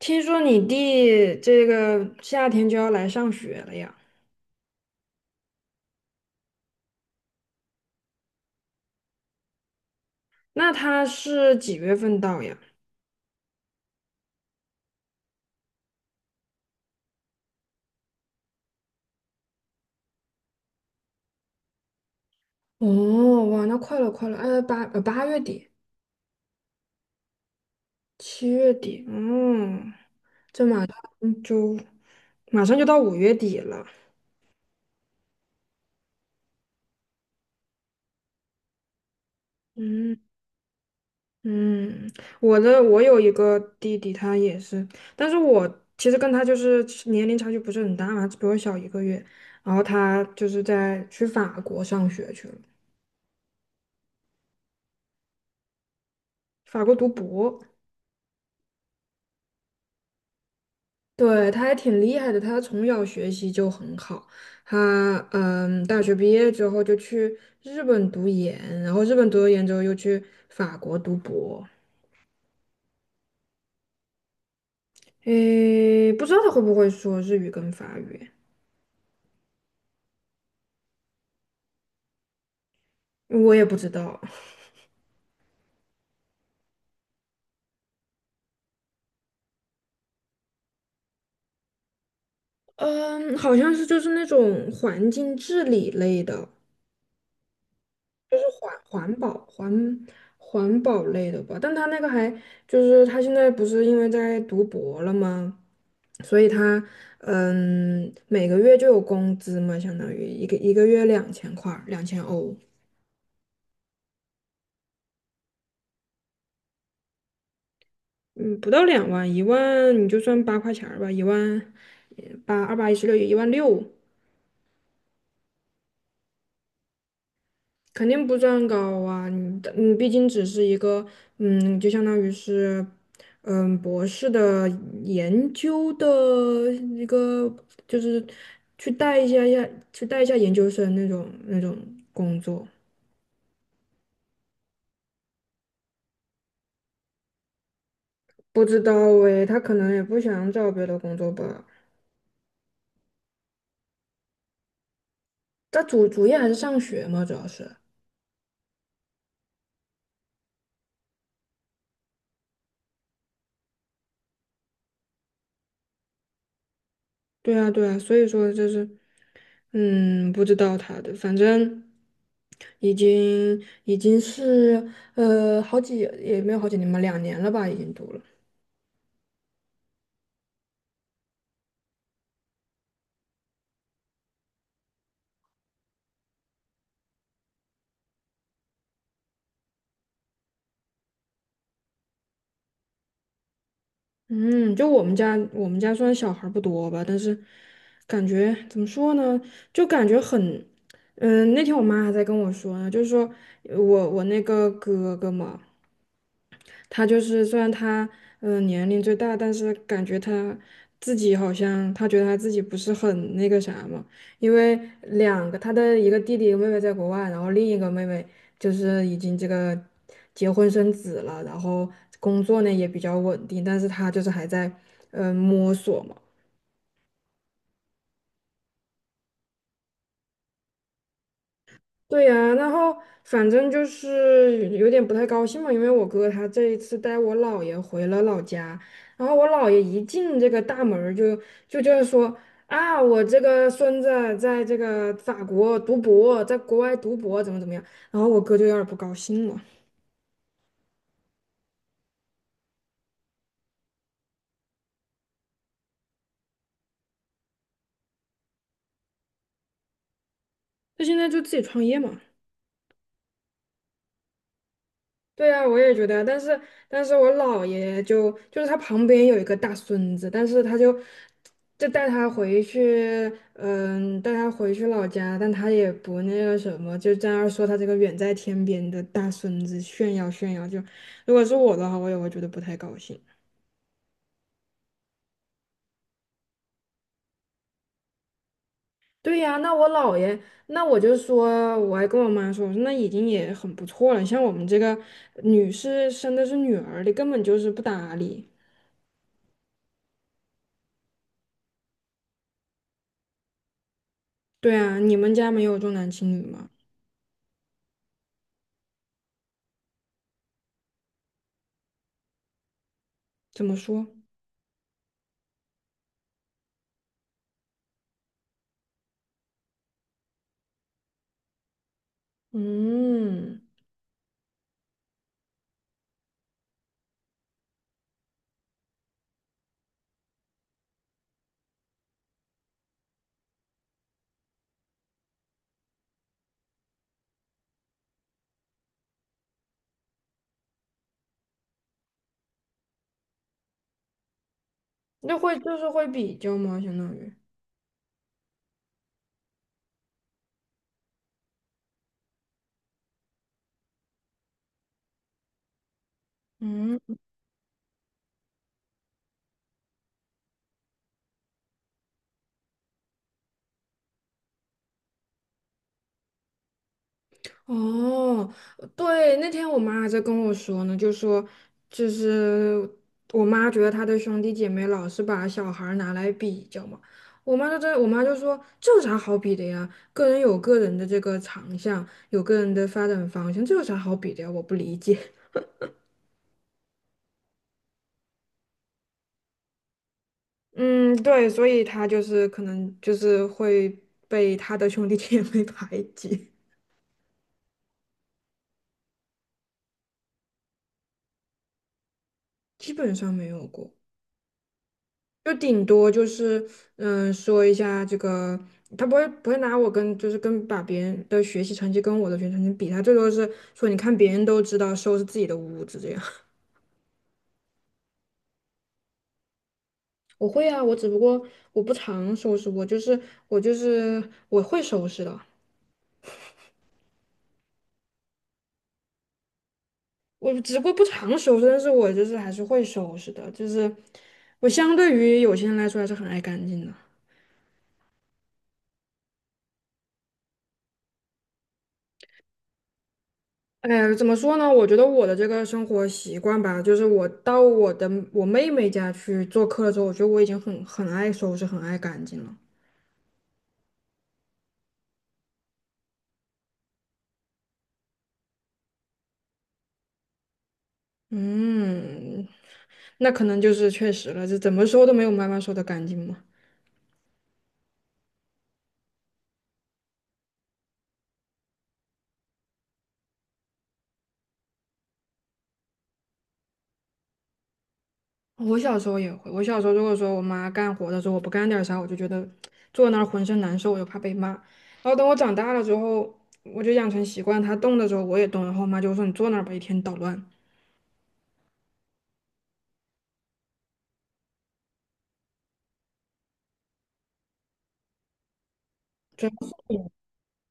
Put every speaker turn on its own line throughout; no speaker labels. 听说你弟这个夏天就要来上学了呀？那他是几月份到呀？哦，哇，那快了，快了，8月底，7月底，嗯，这就马上就到5月底了。嗯嗯，我有一个弟弟，他也是，但是我其实跟他就是年龄差距不是很大嘛，只比我小一个月。然后他就是在去法国上学去了，法国读博。对，他还挺厉害的，他从小学习就很好。他大学毕业之后就去日本读研，然后日本读了研之后又去法国读博。诶，不知道他会不会说日语跟法语，我也不知道。嗯，好像是就是那种环境治理类的。就是环保类的吧，但他那个还就是他现在不是因为在读博了吗？所以他每个月就有工资嘛，相当于一个月2000块儿2000欧，嗯不到2万，一万你就算8块钱儿吧，一万八二八一十六，1万6。肯定不算高啊，你毕竟只是一个，嗯，就相当于是，嗯，博士的研究的一个，就是去带一下下，去带一下研究生那种工作。不知道诶，他可能也不想找别的工作吧。他主业还是上学嘛，主要是。对啊，对啊，所以说就是，嗯，不知道他的，反正已经已经是好几也没有好几年吧，2年了吧，已经读了。嗯，就我们家虽然小孩儿不多吧，但是感觉怎么说呢，就感觉很，嗯，那天我妈还在跟我说呢，就是说我那个哥哥嘛。他就是虽然他年龄最大，但是感觉他自己好像他觉得他自己不是很那个啥嘛，因为两个他的一个弟弟妹妹在国外，然后另一个妹妹就是已经这个结婚生子了，然后工作呢也比较稳定，但是他就是还在摸索嘛。对呀，然后反正就是有点不太高兴嘛，因为我哥他这一次带我姥爷回了老家，然后我姥爷一进这个大门儿就是说啊，我这个孙子在这个法国读博，在国外读博怎么怎么样，然后我哥就有点儿不高兴了，他现在就自己创业嘛。对啊，我也觉得啊，但是我姥爷就是他旁边有一个大孙子，但是他就带他回去，嗯，带他回去老家，但他也不那个什么，就在那儿说他这个远在天边的大孙子炫耀炫耀。就如果是我的话，我也会觉得不太高兴。对呀，那我姥爷，那我就说，我还跟我妈说，我说那已经也很不错了，像我们这个女士生的是女儿的，根本就是不搭理。对啊，你们家没有重男轻女吗？怎么说？嗯，那会就是会比较吗？相当于，嗯，哦，对，那天我妈还在跟我说呢，就说就是我妈觉得她的兄弟姐妹老是把小孩儿拿来比较嘛，我妈就说这有啥好比的呀？个人有个人的这个长项，有个人的发展方向，这有啥好比的呀？我不理解。嗯，对，所以她就是可能就是会被她的兄弟姐妹排挤。基本上没有过，就顶多就是说一下这个，他不会拿我跟就是跟把别人的学习成绩跟我的学习成绩比，他最多是说你看别人都知道收拾自己的屋子这样。我会啊，我只不过我不常收拾，我就是我会收拾的，我只不过不常收拾，但是我就是还是会收拾的，就是我相对于有些人来说还是很爱干净的。哎，怎么说呢？我觉得我的这个生活习惯吧，就是我到我妹妹家去做客的时候，我觉得我已经很爱收拾，很爱干净了。嗯，那可能就是确实了，这怎么收都没有妈妈收的干净嘛。我小时候也会，我小时候如果说我妈干活的时候，我不干点啥，我就觉得坐那儿浑身难受，我就怕被骂。然后等我长大了之后，我就养成习惯，她动的时候我也动，然后我妈就说你坐那儿吧，一天捣乱。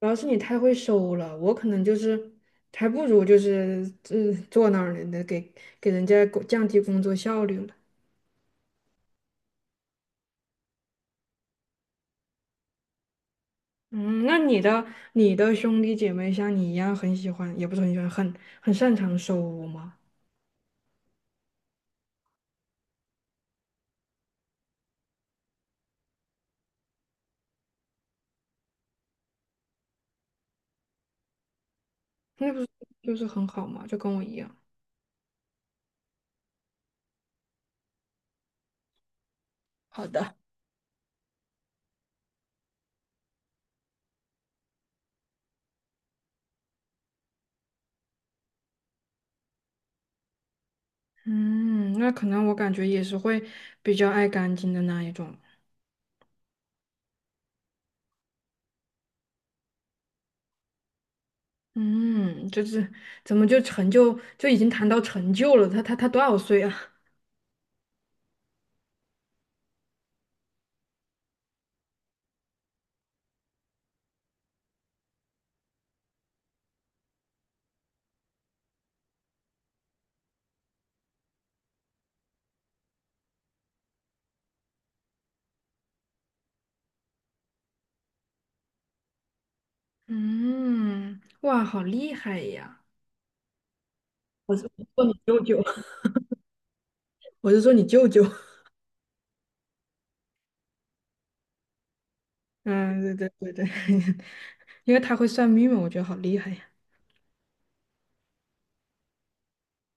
主要是你太会收了，我可能就是还不如就是坐那儿呢，那给人家降低工作效率了。嗯，那你的兄弟姐妹像你一样很喜欢，也不是很喜欢，很擅长收屋吗？那不是就是很好吗？就跟我一样。好的，嗯，那可能我感觉也是会比较爱干净的那一种。嗯，就是怎么就成就就已经谈到成就了？他多少岁啊？嗯，哇，好厉害呀！说你舅舅，我是说你舅舅。嗯，对对对对，因为他会算命嘛，我觉得好厉害呀。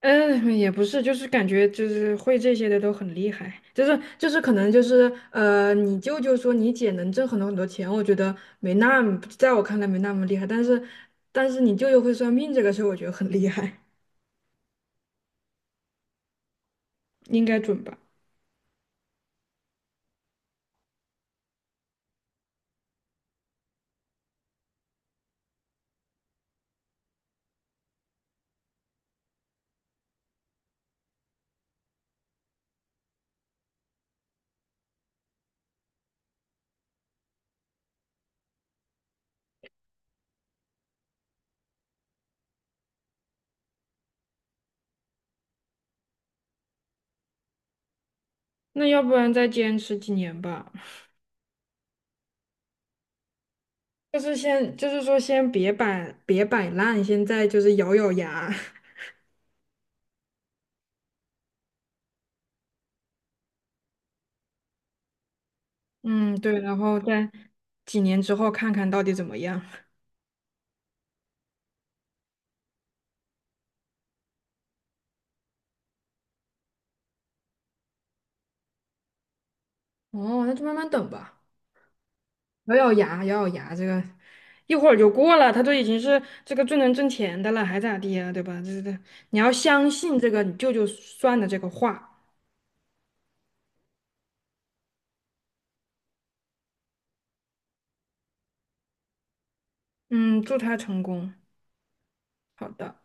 嗯，也不是，就是感觉就是会这些的都很厉害，就是可能就是你舅舅说你姐能挣很多很多钱，我觉得没那么，在我看来没那么厉害，但是你舅舅会算命这个事儿，我觉得很厉害，应该准吧？那要不然再坚持几年吧，就是先就是说先别摆烂，现在就是咬咬牙。嗯，对，然后在几年之后看看到底怎么样。哦，那就慢慢等吧。咬咬牙，咬咬牙，这个一会儿就过了。他都已经是这个最能挣钱的了，还咋地呀，对吧？这，你要相信这个你舅舅算的这个话。嗯，祝他成功。好的。